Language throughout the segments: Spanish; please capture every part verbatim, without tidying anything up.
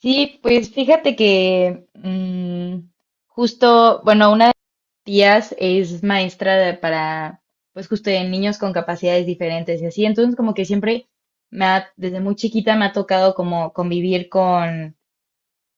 Sí, pues fíjate que mm, justo, bueno, una de mis tías es maestra de- para, pues justo de niños con capacidades diferentes y así, entonces como que siempre me ha, desde muy chiquita me ha tocado como convivir con,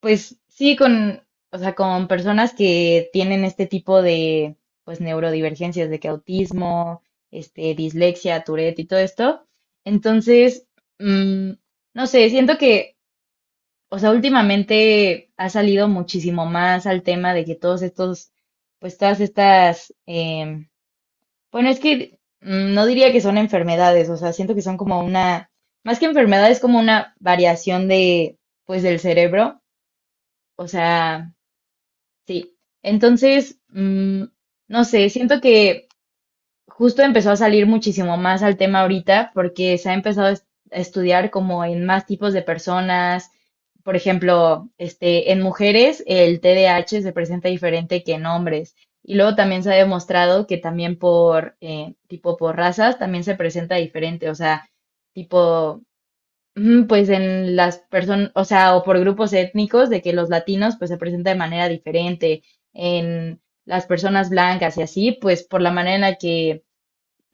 pues sí, con, o sea, con personas que tienen este tipo de, pues neurodivergencias, de que autismo, este, dislexia, Tourette y todo esto. Entonces, mm, no sé, siento que o sea, últimamente ha salido muchísimo más al tema de que todos estos, pues todas estas, em, bueno, es que mm, no diría que son enfermedades, o sea, siento que son como una, más que enfermedades, como una variación de, pues del cerebro, o sea, sí. Entonces, mm, no sé, siento que justo empezó a salir muchísimo más al tema ahorita porque se ha empezado a est- a estudiar como en más tipos de personas. Por ejemplo, este, en mujeres el T D A H se presenta diferente que en hombres. Y luego también se ha demostrado que también por eh, tipo por razas también se presenta diferente. O sea, tipo, mm, pues en las personas, o sea, o por grupos étnicos de que los latinos pues se presenta de manera diferente. En las personas blancas y así, pues por la manera en la que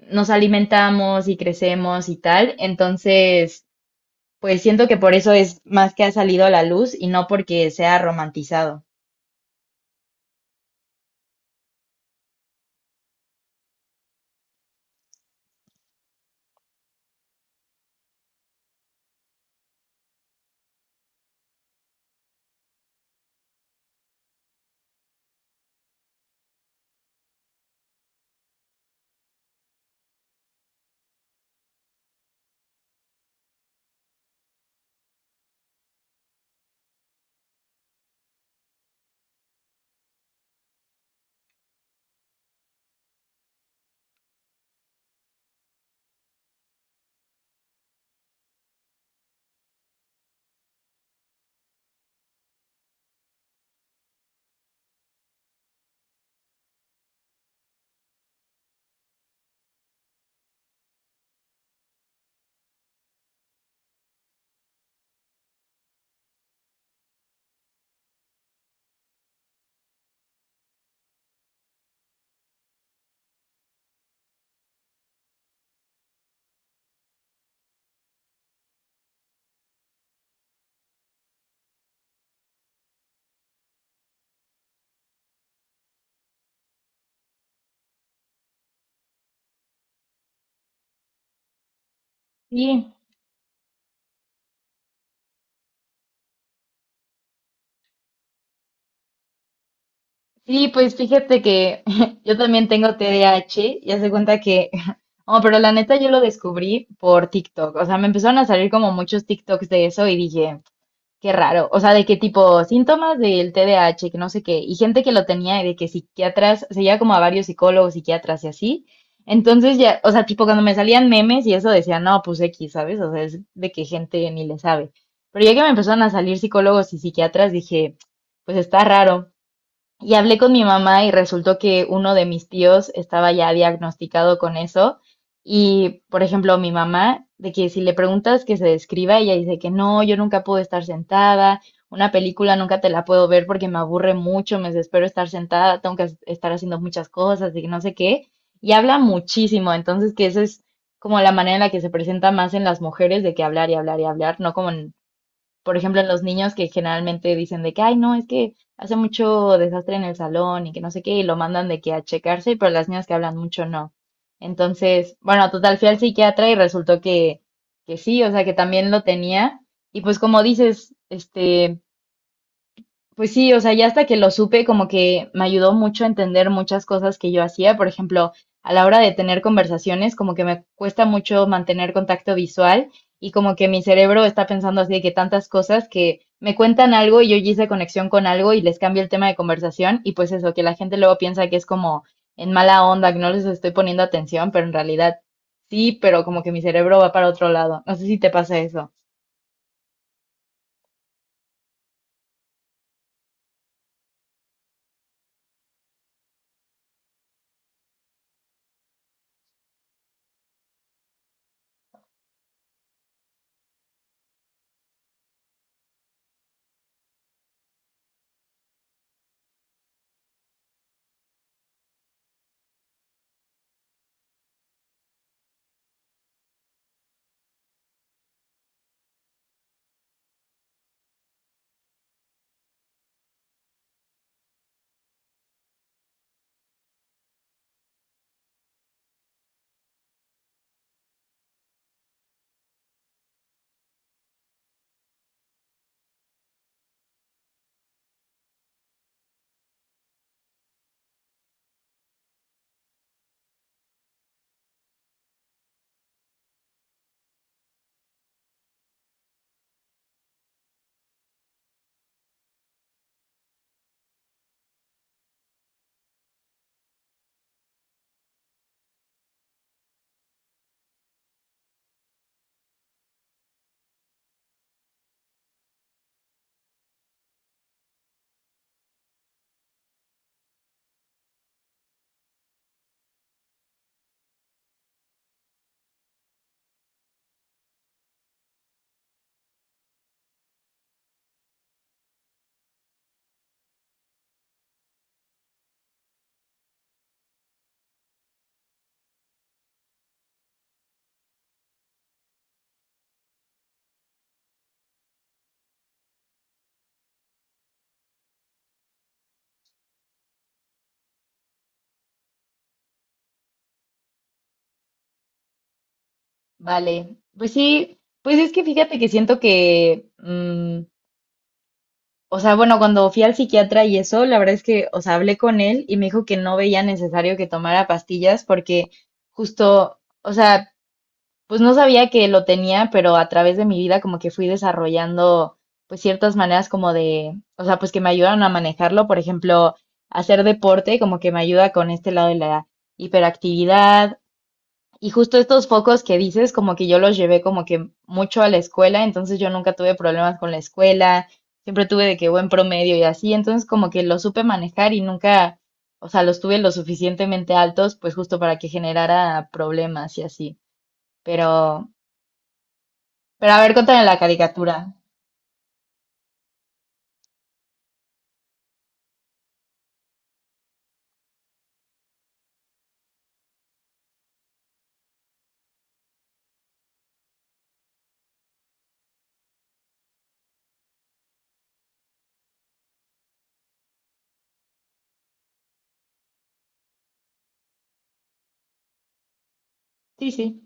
nos alimentamos y crecemos y tal. Entonces, pues siento que por eso es más que ha salido a la luz y no porque sea romantizado. Sí, sí, pues fíjate que yo también tengo T D A H y hace cuenta que, oh, pero la neta yo lo descubrí por TikTok. O sea, me empezaron a salir como muchos TikToks de eso y dije, Qué raro, o sea, de qué tipo síntomas del T D A H que no sé qué, y gente que lo tenía, y de que psiquiatras, seguía como a varios psicólogos, psiquiatras y así. Entonces ya, o sea, tipo cuando me salían memes y eso decía, no, pues X, ¿sabes? O sea, es de que gente ni le sabe. Pero ya que me empezaron a salir psicólogos y psiquiatras, dije, pues está raro. Y hablé con mi mamá y resultó que uno de mis tíos estaba ya diagnosticado con eso. Y, por ejemplo, mi mamá, de que si le preguntas que se describa, ella dice que no, yo nunca puedo estar sentada, una película nunca te la puedo ver porque me aburre mucho, me desespero estar sentada, tengo que estar haciendo muchas cosas y no sé qué. Y habla muchísimo, entonces que esa es como la manera en la que se presenta más en las mujeres de que hablar y hablar y hablar, no como en por ejemplo, en los niños que generalmente dicen de que, ay, no, es que hace mucho desastre en el salón y que no sé qué, y lo mandan de que a checarse, pero las niñas que hablan mucho no. Entonces, bueno, total, fui al psiquiatra y resultó que, que sí, o sea, que también lo tenía. Y pues como dices, este, pues sí, o sea, ya hasta que lo supe, como que me ayudó mucho a entender muchas cosas que yo hacía. Por ejemplo, a la hora de tener conversaciones, como que me cuesta mucho mantener contacto visual y como que mi cerebro está pensando así de que tantas cosas que me cuentan algo y yo ya hice conexión con algo y les cambio el tema de conversación y pues eso, que la gente luego piensa que es como en mala onda, que no les estoy poniendo atención, pero en realidad sí, pero como que mi cerebro va para otro lado. No sé si te pasa eso. Vale, pues sí, pues es que fíjate que siento que, mm, o sea, bueno, cuando fui al psiquiatra y eso, la verdad es que, o sea, hablé con él y me dijo que no veía necesario que tomara pastillas porque justo, o sea, pues no sabía que lo tenía, pero a través de mi vida como que fui desarrollando pues ciertas maneras como de, o sea, pues que me ayudaron a manejarlo, por ejemplo, hacer deporte como que me ayuda con este lado de la hiperactividad, y justo estos focos que dices, como que yo los llevé como que mucho a la escuela, entonces yo nunca tuve problemas con la escuela, siempre tuve de que buen promedio y así, entonces como que lo supe manejar y nunca, o sea, los tuve lo suficientemente altos, pues justo para que generara problemas y así. Pero, pero a ver, cuéntame la caricatura. Sí, sí.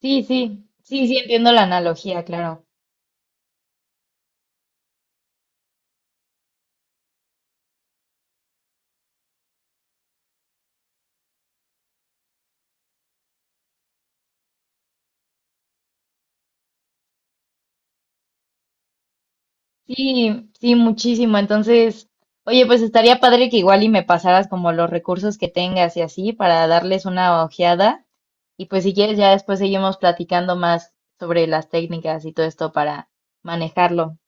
Sí, sí. Sí, sí, entiendo la analogía, claro. Sí, sí, muchísimo. Entonces, oye, pues estaría padre que igual y me pasaras como los recursos que tengas y así para darles una ojeada. Y pues si quieres, ya después seguimos platicando más sobre las técnicas y todo esto para manejarlo.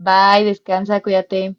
Bye, descansa, cuídate.